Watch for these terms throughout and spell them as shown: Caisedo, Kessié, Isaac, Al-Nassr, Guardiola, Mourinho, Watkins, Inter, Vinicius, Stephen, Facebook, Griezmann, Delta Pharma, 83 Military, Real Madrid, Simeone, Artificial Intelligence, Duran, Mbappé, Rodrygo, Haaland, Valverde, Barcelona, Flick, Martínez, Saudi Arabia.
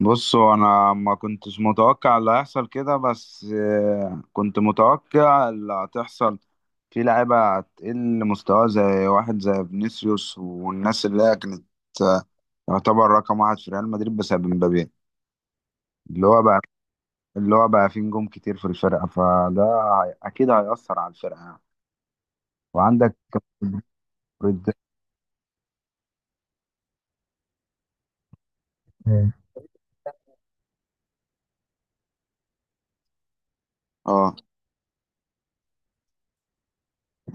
بصوا، انا ما كنتش متوقع اللي هيحصل كده. بس كنت متوقع اللي هتحصل في لعيبة هتقل مستوى، زي واحد زي فينيسيوس والناس اللي هي كانت آه، يعتبر رقم واحد في ريال مدريد بسبب مبابي. اللي هو بقى اللي هو بقى فيه نجوم كتير في الفرقة، فده أكيد هيأثر على الفرقة يعني. وعندك. مم. اه،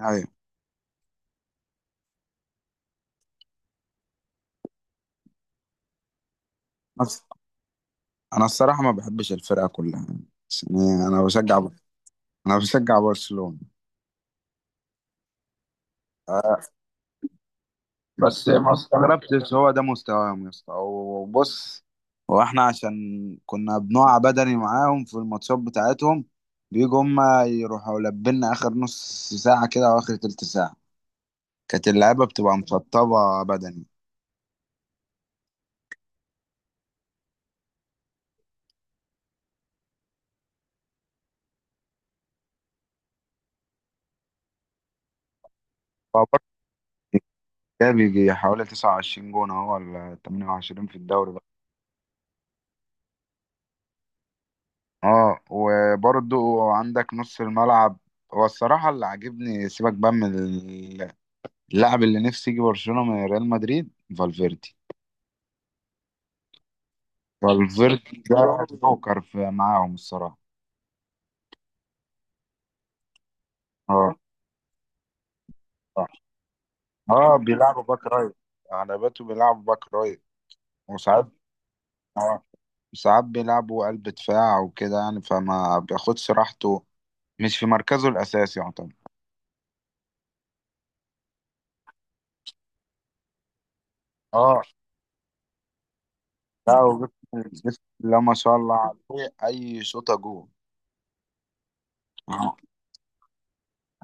ايوه، بس أنا الصراحة ما بحبش الفرقة كلها يعني، بس يعني أنا بشجع برشلونة. بس ما استغربتش، هو ده مستواهم يا اسطى. وبص، هو احنا عشان كنا بنقع بدني معاهم في الماتشات بتاعتهم، بيجوا هما يروحوا لبلنا اخر نص ساعة كده او اخر تلت ساعة كانت اللعيبة بتبقى مشطبة بدني. هو برضه ده بيجي حوالي 29 جون اهو ولا 28 في الدوري بقى. اه، وبرضه عندك نص الملعب. هو الصراحة اللي عاجبني، سيبك بقى من اللاعب اللي نفسي يجي برشلونة من ريال مدريد، فالفيردي. فالفيردي ده جوكر في معاهم الصراحة. اه. اه. بيلعبوا باك رايت، على باته بيلعبوا باك رايت. وساعات، اه، ساعات بيلعبوا قلب دفاع وكده يعني، فما بياخدش راحته، مش في مركزه الأساسي يعتبر. اه، لا وجسم، جسم لا ما شاء الله عليه، أي شوطة جول. اه.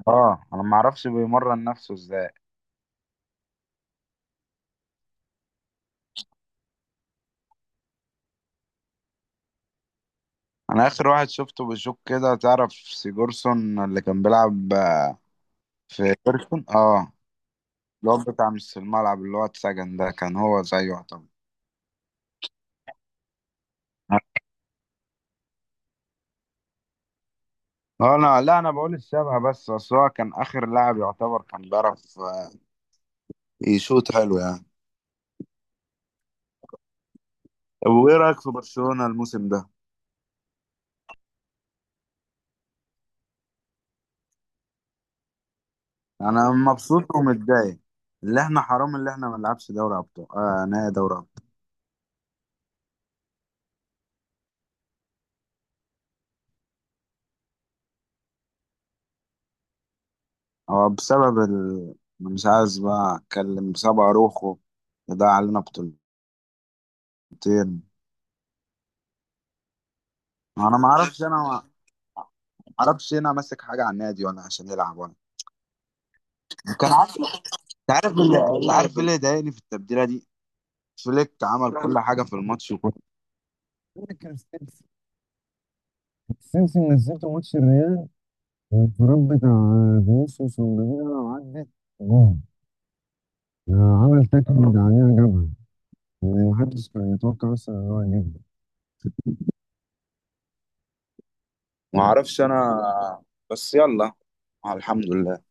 انا ما اعرفش بيمرن نفسه ازاي. انا اخر واحد شفته بشوك كده، تعرف سيجورسون اللي كان بيلعب في بيرسون؟ اه. الواد بتاع نص الملعب اللي هو اتسجن ده، كان هو زيه يعتبر. انا لا، انا بقول الشبه بس، اصل هو كان اخر لاعب يعتبر كان بيعرف يشوط حلو يعني. طب وايه رايك في برشلونه الموسم ده؟ انا مبسوط ومتضايق، اللي احنا حرام اللي احنا ما نلعبش دوري ابطال، نهائي دوري ابطال. هو بسبب ال... أنا مش عايز بقى اتكلم، بسبب اروخو ده علينا بطولتين. انا ما اعرفش هنا ماسك حاجه على النادي ولا عشان يلعب ولا كان. انت عارف، اللي انت عارف، ايه اللي ضايقني في التبديله دي؟ فليك عمل كل حاجه في الماتش، وكل كان ستيفن نزلته ماتش الريال، والانفراد بتاع فينيسيوس ومبابي لو عدت جون، عمل تاكلينج عليها جابها. يعني محدش كان يتوقع اصلا ان هو يجيبها. ما اعرفش انا، بس يلا، الحمد لله.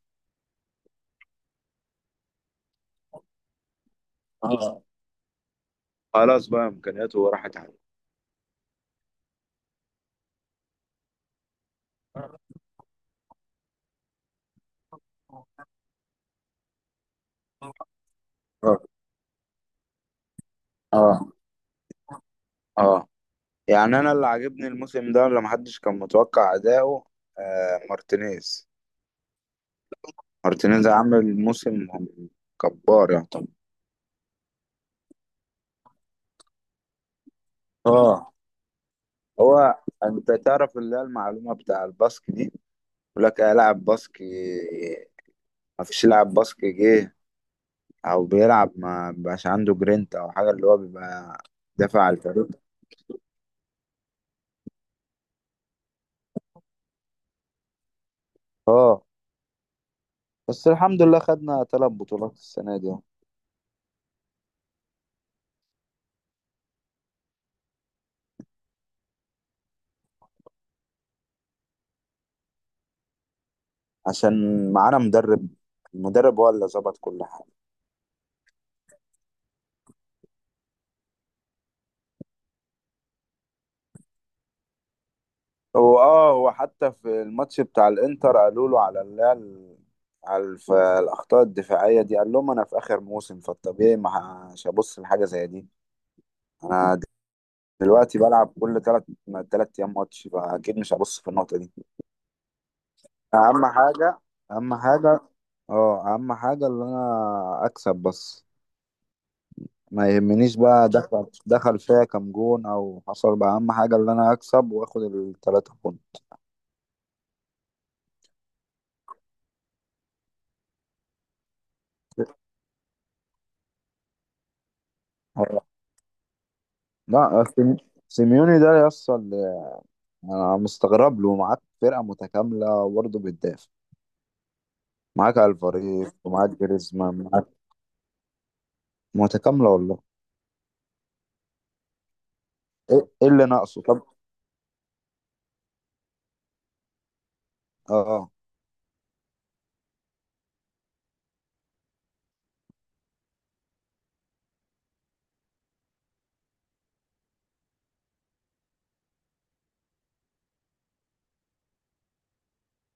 اه، خلاص بقى امكانياته راحت عليه. اه. اه. اه. يعني انا اللي عاجبني الموسم ده اللي محدش كان متوقع اداؤه، مارتينيز. مارتينيز عامل موسم جبار يعني. اه، هو انت تعرف اللي هي المعلومه بتاع الباسك دي؟ يقول لك ايه، لاعب باسك، ما فيش لاعب باسك جه او بيلعب ما بقاش عنده جرينت او حاجه، اللي هو بيبقى دافع على الفريق. اه، بس الحمد لله خدنا ثلاث بطولات السنه دي. عشان معانا مدرب، المدرب هو اللي ظبط كل حاجه. هو، اه، هو حتى في الماتش بتاع الانتر قالوا له على اللي هي على الاخطاء الدفاعيه دي، قال لهم انا في اخر موسم، فالطبيعي ما مش هبص لحاجه زي دي. انا دلوقتي بلعب كل ثلاث ايام ماتش، فاكيد مش هبص في النقطه دي. اهم حاجه، اهم حاجه، اه، اهم حاجه اللي انا اكسب بس. ما يهمنيش بقى دخل فيا كام جون او حصل بقى، اهم حاجه اللي انا اكسب واخد الثلاثه جون. لا، سيميوني ده يصل، انا مستغرب له، معاك فرقه متكامله برضه، بتدافع، معاك الفاريز ومعاك جريزمان معاك. متكامله والله، ايه، إيه اللي ناقصه طب؟ اه،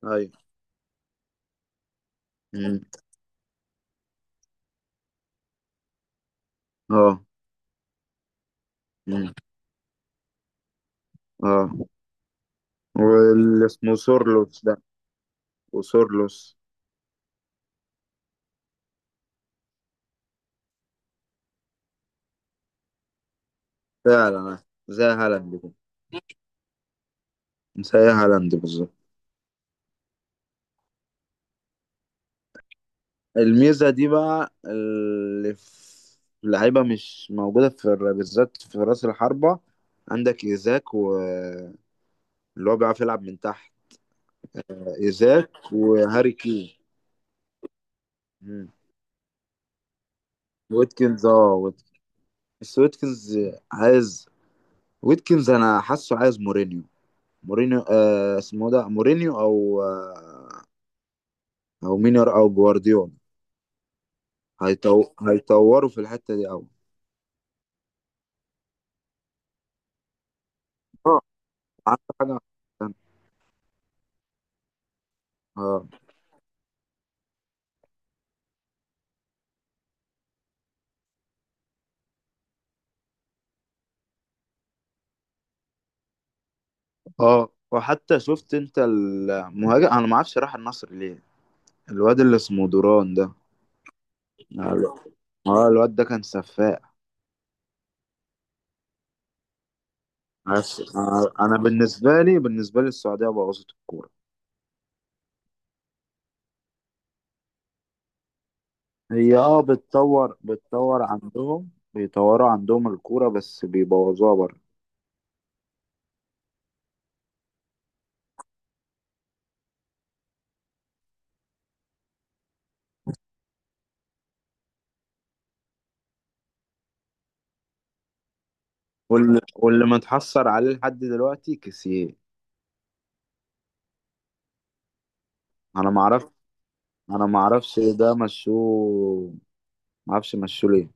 ايوه. مم. اه. مم. اه، واللي اسمه سورلوس ده، وسورلوس. فعلا، زي هالاند كده. زي هالاند بالظبط. الميزه دي بقى اللي في لعيبه مش موجوده في بالذات في راس الحربه. عندك ايزاك، واللي هو بيعرف يلعب من تحت، ايزاك وهاري كين. مم. ويتكنز، اه ويتكنز، بس ويتكنز عايز، ويتكنز انا حاسه عايز مورينيو، مورينيو، اسمه ده مورينيو او او مينر او جوارديولا. هيطوروا في الحتة دي قوي. اه، عندك حاجة أحسن. اه. اه، وحتى شفت انت المهاجم؟ انا ما اعرفش راح النصر ليه، الواد اللي اسمه دوران ده. اه، الواد ده كان سفاق. بس انا بالنسبه لي السعوديه بوظت الكوره. هي، اه، بتطور عندهم، بيطوروا عندهم الكورة بس بيبوظوها بره. واللي متحسر عليه لحد دلوقتي كيسيه. انا ما اعرف انا ما اعرفش إيه ده مشوه. ما اعرفش مشوه ليه.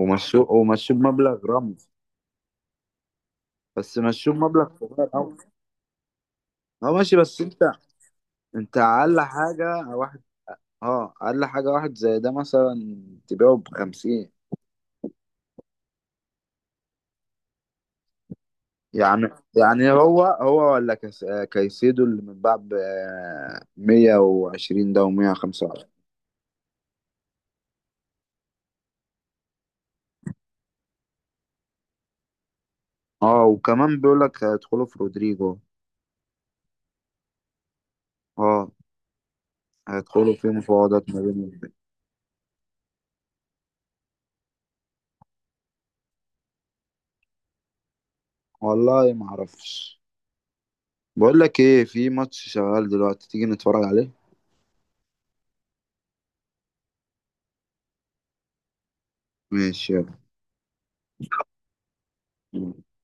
ومشوه بمبلغ رمز. بس مشوه بمبلغ صغير قوي. اه ماشي، بس انت، انت اقل حاجة واحد، اه، اقل حاجة واحد زي ده مثلا تبيعه بخمسين. يعني يعني هو ولا كايسيدو اللي من بعد 120 ده و125. اه، وكمان بيقول لك هيدخلوا في رودريجو. اه، هيدخلوا في مفاوضات ما بينهم. والله ما اعرفش. بقول لك ايه، في ماتش شغال دلوقتي، تيجي نتفرج عليه؟ ماشي. يلا.